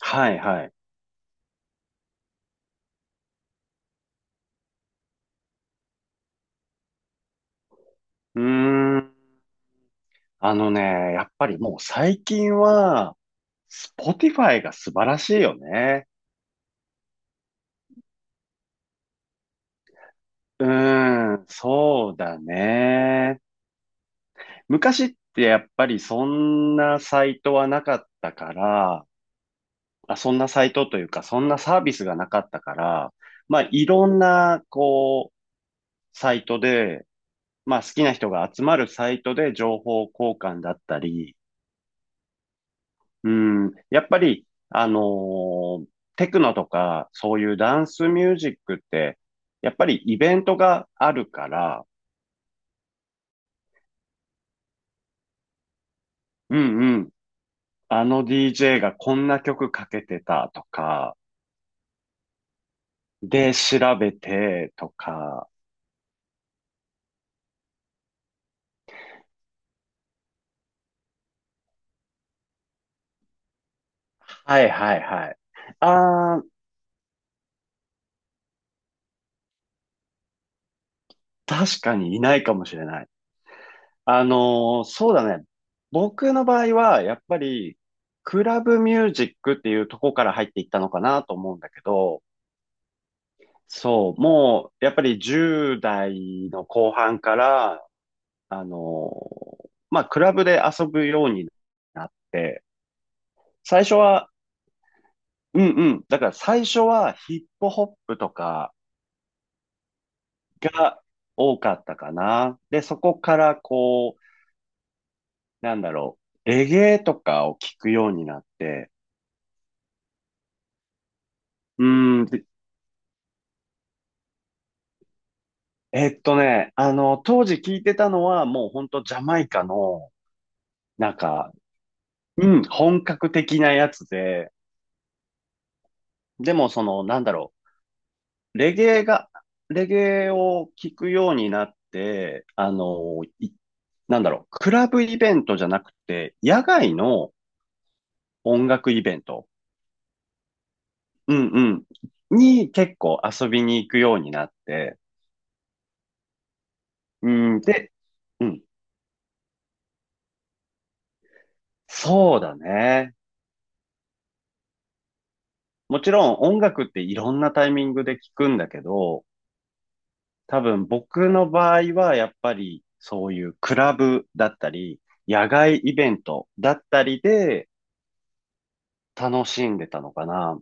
はいはい。うーん。あのね、やっぱりもう最近は、Spotify が素晴らしいよね。そうだね。昔ってやっぱりそんなサイトはなかったから、あ、そんなサイトというか、そんなサービスがなかったから、まあいろんな、こう、サイトで、まあ好きな人が集まるサイトで情報交換だったり、うん、やっぱり、テクノとか、そういうダンスミュージックって、やっぱりイベントがあるから、うんうん、あの DJ がこんな曲かけてたとか、で、調べてとか、はいはいはい。あー、確かにいないかもしれない。そうだね。僕の場合は、やっぱり、クラブミュージックっていうとこから入っていったのかなと思うんだけど、そう、もう、やっぱり10代の後半から、あの、まあ、クラブで遊ぶようになって、最初は、うんうん、だから最初はヒップホップとかが多かったかな。で、そこからこう、なんだろレゲエとかを聞くようになって、うん、で当時聞いてたのはもうほんとジャマイカの、なんか、うん、本格的なやつで、でも、その、う。レゲエが、レゲエを聞くようになって、クラブイベントじゃなくて、野外の音楽イベント。うんうん。に結構遊びに行くようになって。うん。で、うん。そうだね。もちろん音楽っていろんなタイミングで聞くんだけど、多分僕の場合はやっぱりそういうクラブだったり、野外イベントだったりで、楽しんでたのかな。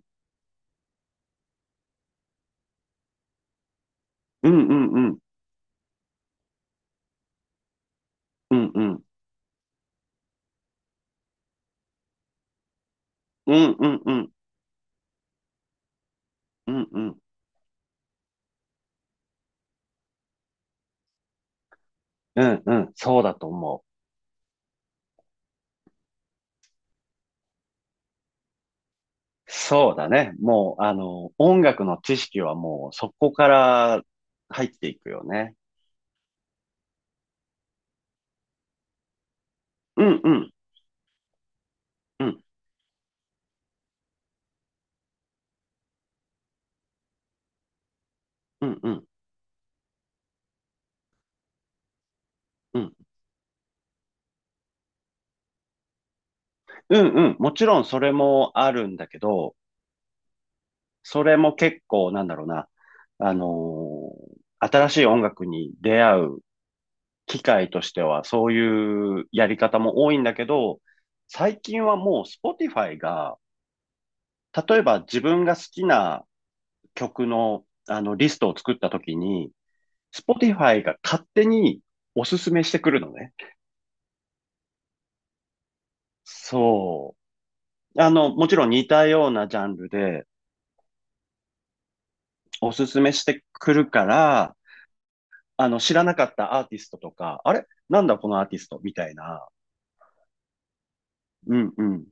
うんうんうん。うんうん。うんうんうん。うんうん。うんうん。そうだと思う。そうだね。もう、あの、音楽の知識はもうそこから入っていくよね。うんうん。うん。うんうん。うん。うんうん。もちろんそれもあるんだけど、それも結構なんだろうな。新しい音楽に出会う機械としてはそういうやり方も多いんだけど、最近はもう Spotify が、例えば自分が好きな曲のあのリストを作った時に、Spotify が勝手におすすめしてくるのね。そう。あの、もちろん似たようなジャンルでおすすめしてくるから、あの、知らなかったアーティストとか、あれなんだこのアーティストみたいな。うんうん。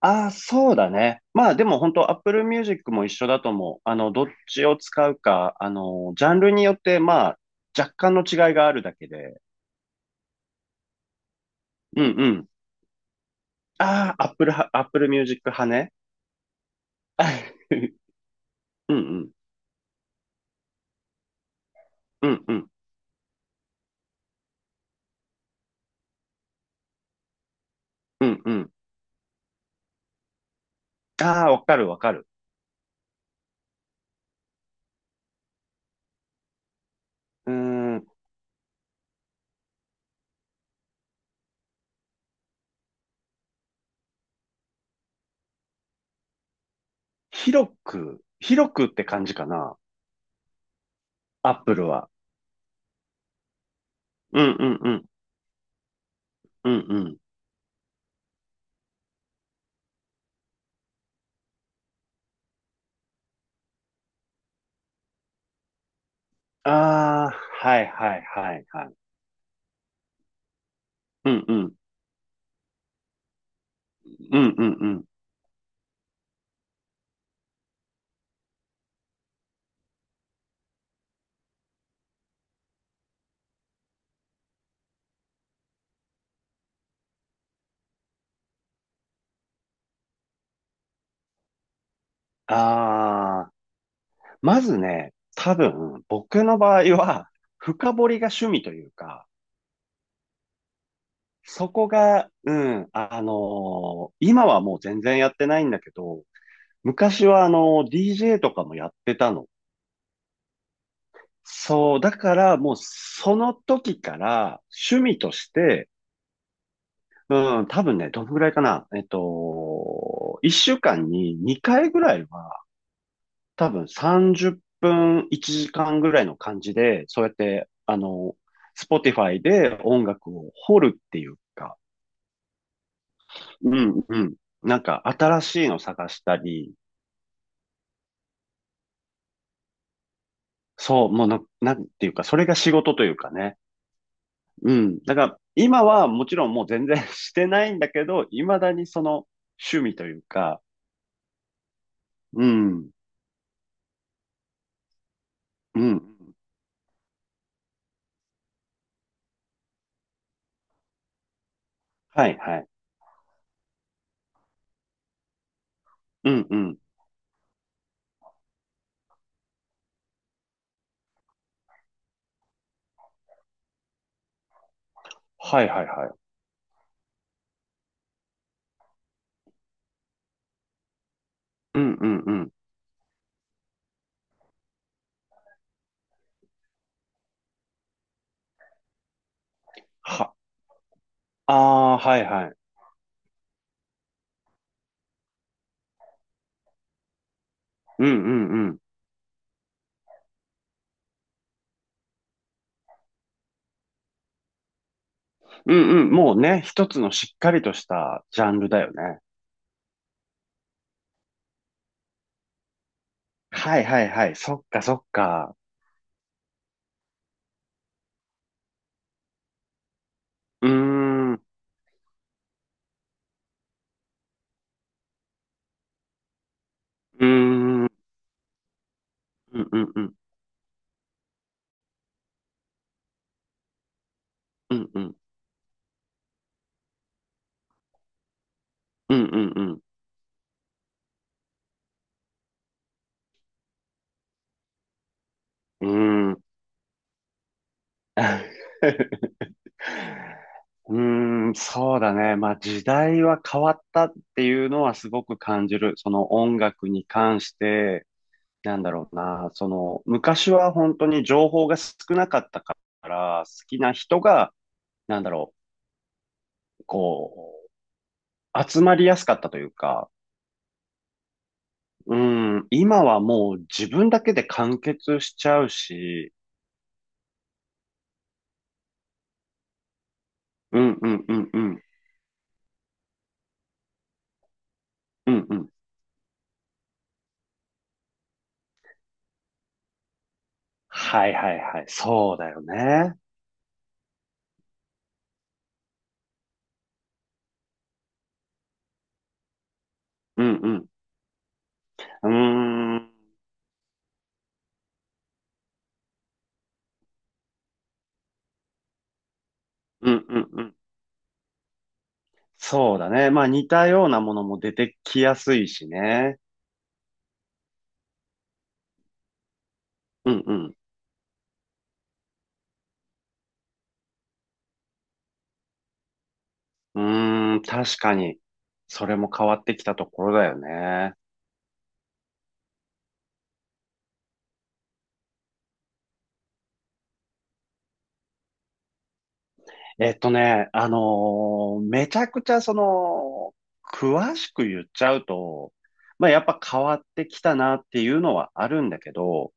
ああ、そうだね。まあでも本当 Apple Music も一緒だと思う。あの、どっちを使うか、あの、ジャンルによってまあ若干の違いがあるだけで。うんうん。ああ、Apple は、Apple Music 派ね。うんうん。うんうん。うんうん。ああ、わかるわかる。うーん。広く、広くって感じかな。Apple は。うんうんうん。うんうん。ああ、はいはいはいはい。うんうん。うんうんうん。ああ。まずね、多分、僕の場合は、深掘りが趣味というか、そこが、うん、今はもう全然やってないんだけど、昔はDJ とかもやってたの。そう、だからもうその時から趣味として、うん、多分ね、どのぐらいかな、一週間に2回ぐらいは多分30分1時間ぐらいの感じで、そうやって、あの、Spotify で音楽を掘るっていうか、うんうん。なんか新しいの探したり、そう、もうな、なんていうか、それが仕事というかね。うん。だから、今はもちろんもう全然 してないんだけど、未だにその趣味というか、うん、うん。はいはい。うんうん。はいはいはい。うんうんうん。は、ああ、はいはい。うんうんうんうん。もうね、一つのしっかりとしたジャンルだよね。はいはいはい。そっかそっか。うーん。うーん。うんうんうん。うんうん。うんうんうん。うーん。うーん、そうだね。まあ時代は変わったっていうのはすごく感じる。その音楽に関して、なんだろうな。その昔は本当に情報が少なかったから、好きな人が、なんだろう、こ集まりやすかったというか、うん、今はもう自分だけで完結しちゃうし、うんうんうんうん、うんうん。はいはいはい、そうだよね。うんうん。うーん、うんうんうん。そうだね。まあ似たようなものも出てきやすいしね。うんうん。うーん、確かに。それも変わってきたところだよね。めちゃくちゃその、詳しく言っちゃうと、まあやっぱ変わってきたなっていうのはあるんだけど、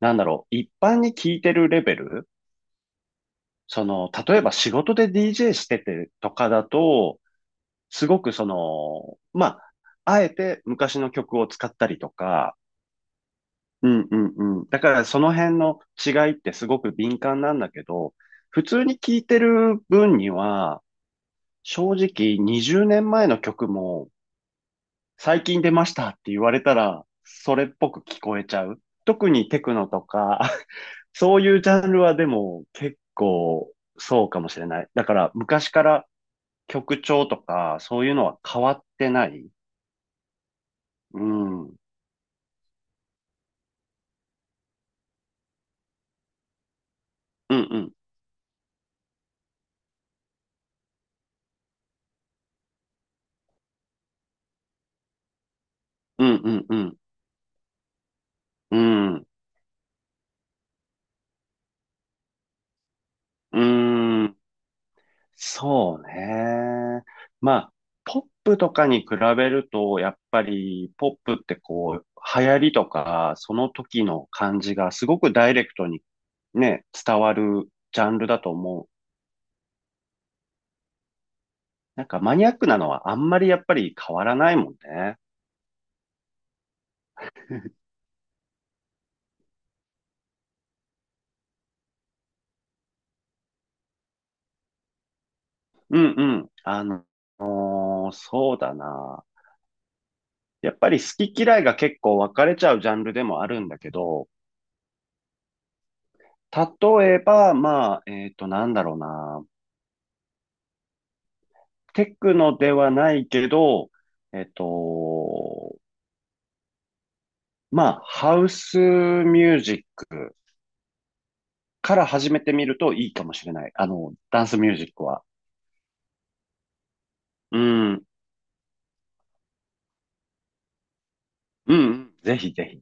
なんだろう、一般に聞いてるレベル、その、例えば仕事で DJ しててとかだと、すごくその、まあ、あえて昔の曲を使ったりとか、うんうんうん。だからその辺の違いってすごく敏感なんだけど、普通に聞いてる分には、正直20年前の曲も最近出ましたって言われたらそれっぽく聞こえちゃう。特にテクノとか そういうジャンルはでも結構そうかもしれない。だから昔から曲調とかそういうのは変わってない。うん。うんうん。うんうんうん。うん。うん。そうね。まあ、ポップとかに比べると、やっぱりポップってこう、流行りとか、その時の感じがすごくダイレクトにね、伝わるジャンルだと思う。なんかマニアックなのはあんまりやっぱり変わらないもんね。うんうん。あの、そうだな。やっぱり好き嫌いが結構分かれちゃうジャンルでもあるんだけど、例えば、まあ、なんだろうな。テクノではないけど、えっと、まあ、ハウスミュージックから始めてみるといいかもしれない。あの、ダンスミュージックは。うん、うん、うんぜひぜひ。